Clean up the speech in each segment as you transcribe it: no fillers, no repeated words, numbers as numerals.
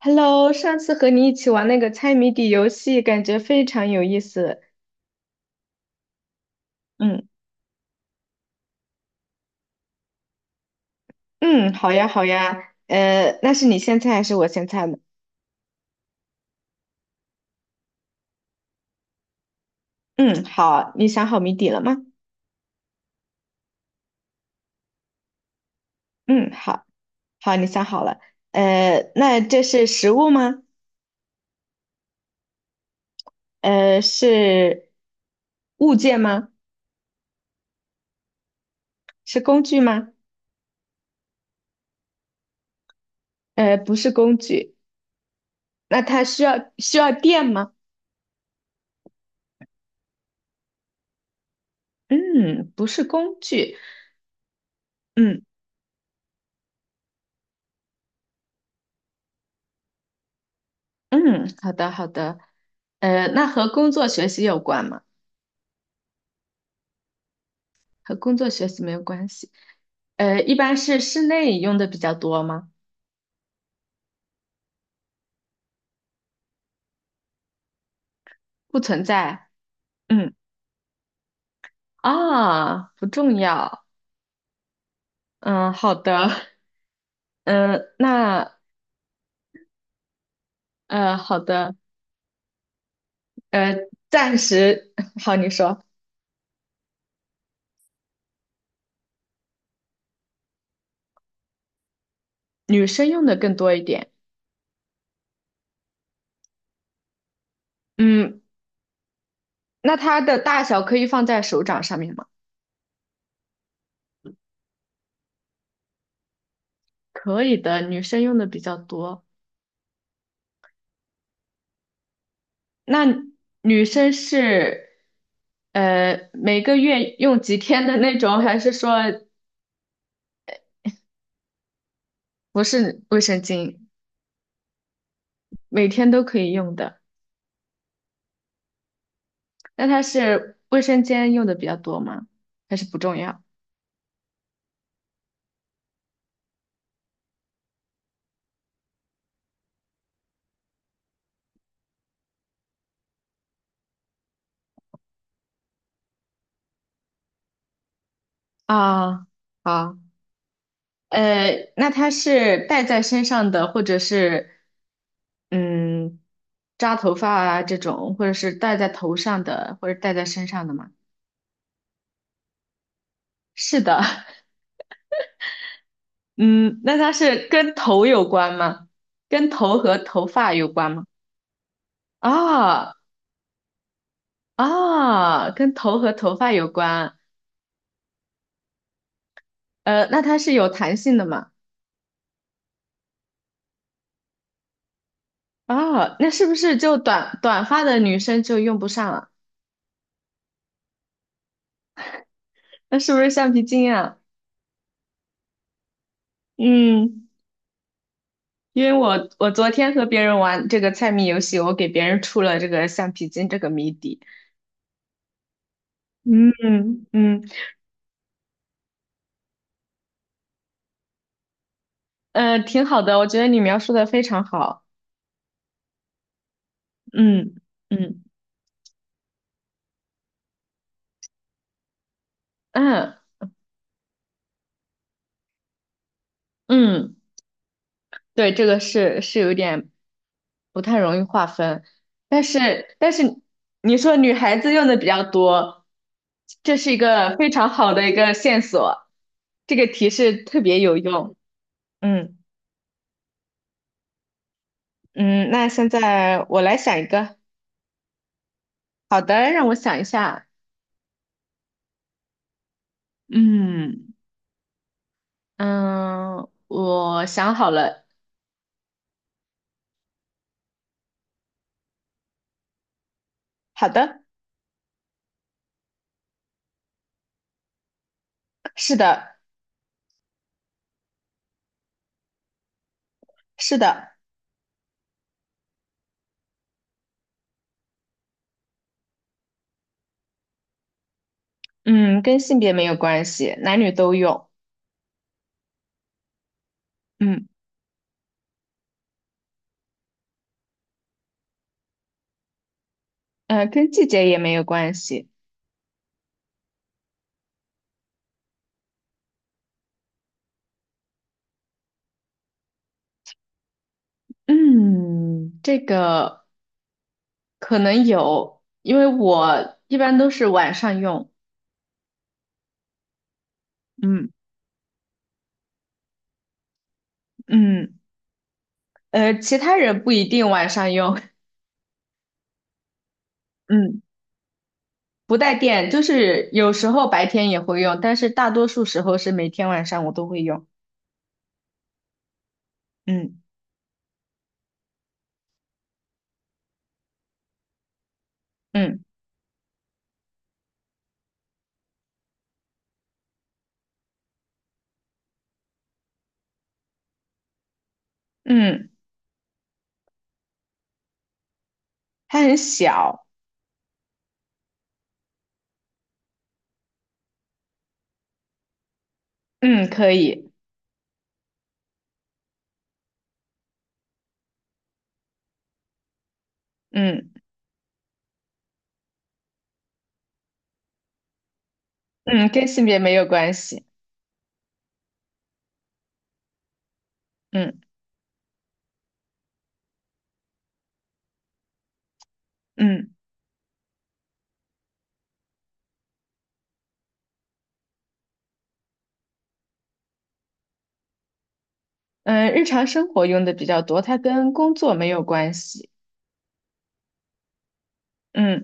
Hello，上次和你一起玩那个猜谜底游戏，感觉非常有意思。嗯，嗯，好呀好呀，那是你先猜还是我先猜呢？嗯，好，你想好谜底了吗？嗯，好，好，你想好了。那这是食物吗？是物件吗？是工具吗？不是工具。那它需要电吗？嗯，不是工具。嗯嗯，好的好的。那和工作学习有关吗？和工作学习没有关系。一般是室内用的比较多吗？不存在。嗯，啊，不重要。嗯，好的。嗯，那好的。呃，暂时，好，你说，女生用的更多一点。嗯，那它的大小可以放在手掌上面吗？可以的，女生用的比较多。那女生是，每个月用几天的那种，还是说不是卫生巾，每天都可以用的。那它是卫生间用的比较多吗？还是不重要？啊，好，那它是戴在身上的，或者是嗯扎头发啊这种，或者是戴在头上的，或者戴在身上的吗？是的，嗯，那它是跟头有关吗？跟头和头发有关吗？啊，啊，跟头和头发有关。那它是有弹性的嘛？啊，那是不是就短短发的女生就用不上了？那是不是橡皮筋啊？嗯，因为我昨天和别人玩这个猜谜游戏，我给别人出了这个橡皮筋这个谜底。嗯，嗯，挺好的，我觉得你描述的非常好。嗯，嗯，嗯，嗯。对，这个是有点不太容易划分，但是你说女孩子用的比较多，这是一个非常好的一个线索，这个提示特别有用。嗯，嗯，那现在我来想一个，好的，让我想一下。嗯，嗯，我想好了，好的，是的，是的，嗯，跟性别没有关系，男女都用，嗯，跟季节也没有关系。嗯，这个可能有，因为我一般都是晚上用。嗯，嗯，其他人不一定晚上用。嗯，不带电，就是有时候白天也会用，但是大多数时候是每天晚上我都会用。嗯，嗯，嗯，它很小。嗯，可以。嗯，嗯，跟性别没有关系。嗯，嗯，嗯，日常生活用的比较多，它跟工作没有关系。嗯。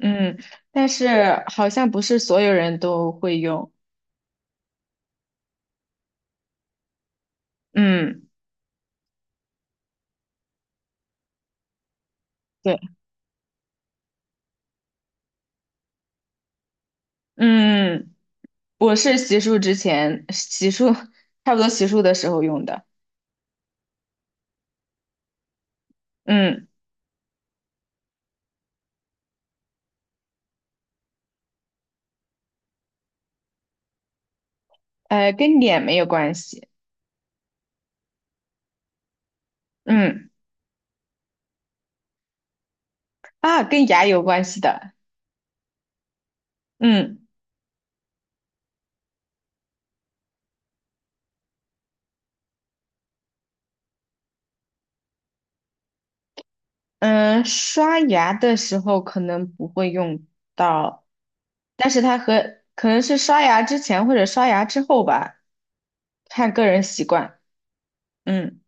嗯，但是好像不是所有人都会用。嗯，对，嗯，我是洗漱之前，洗漱差不多洗漱的时候用的。嗯，跟脸没有关系。嗯，啊，跟牙有关系的。嗯，嗯，刷牙的时候可能不会用到，但是它和可能是刷牙之前或者刷牙之后吧，看个人习惯。嗯，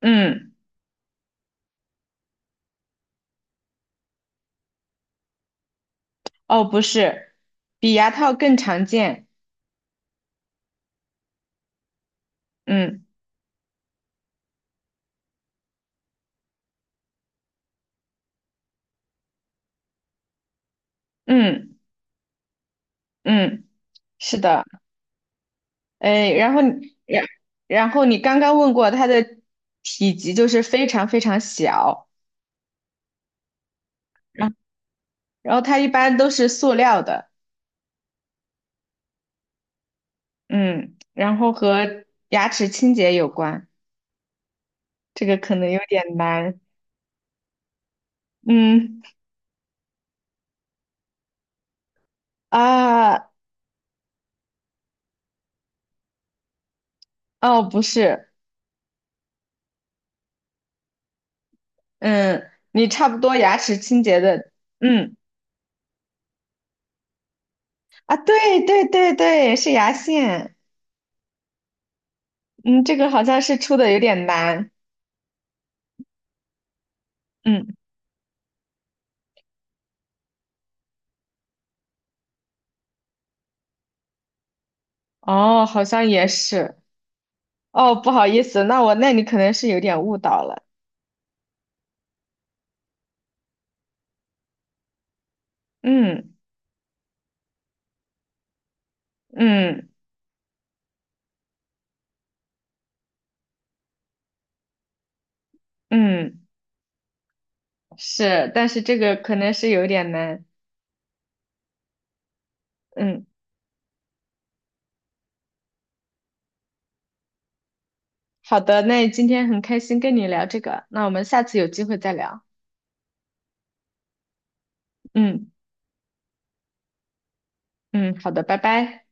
嗯。哦，不是，比牙套更常见。嗯，嗯，嗯，是的。哎，然后你然然后你刚刚问过它的体积就是非常非常小，然后然后它一般都是塑料的。嗯，然后和牙齿清洁有关，这个可能有点难。嗯，啊，哦，不是，嗯，你差不多牙齿清洁的。嗯，啊，对对对对，是牙线。嗯，这个好像是出的有点难。嗯，哦，好像也是。哦，不好意思，那你可能是有点误导了。嗯，嗯，嗯，是，但是这个可能是有点难。嗯，好的，那今天很开心跟你聊这个，那我们下次有机会再聊。嗯，嗯，好的，拜拜。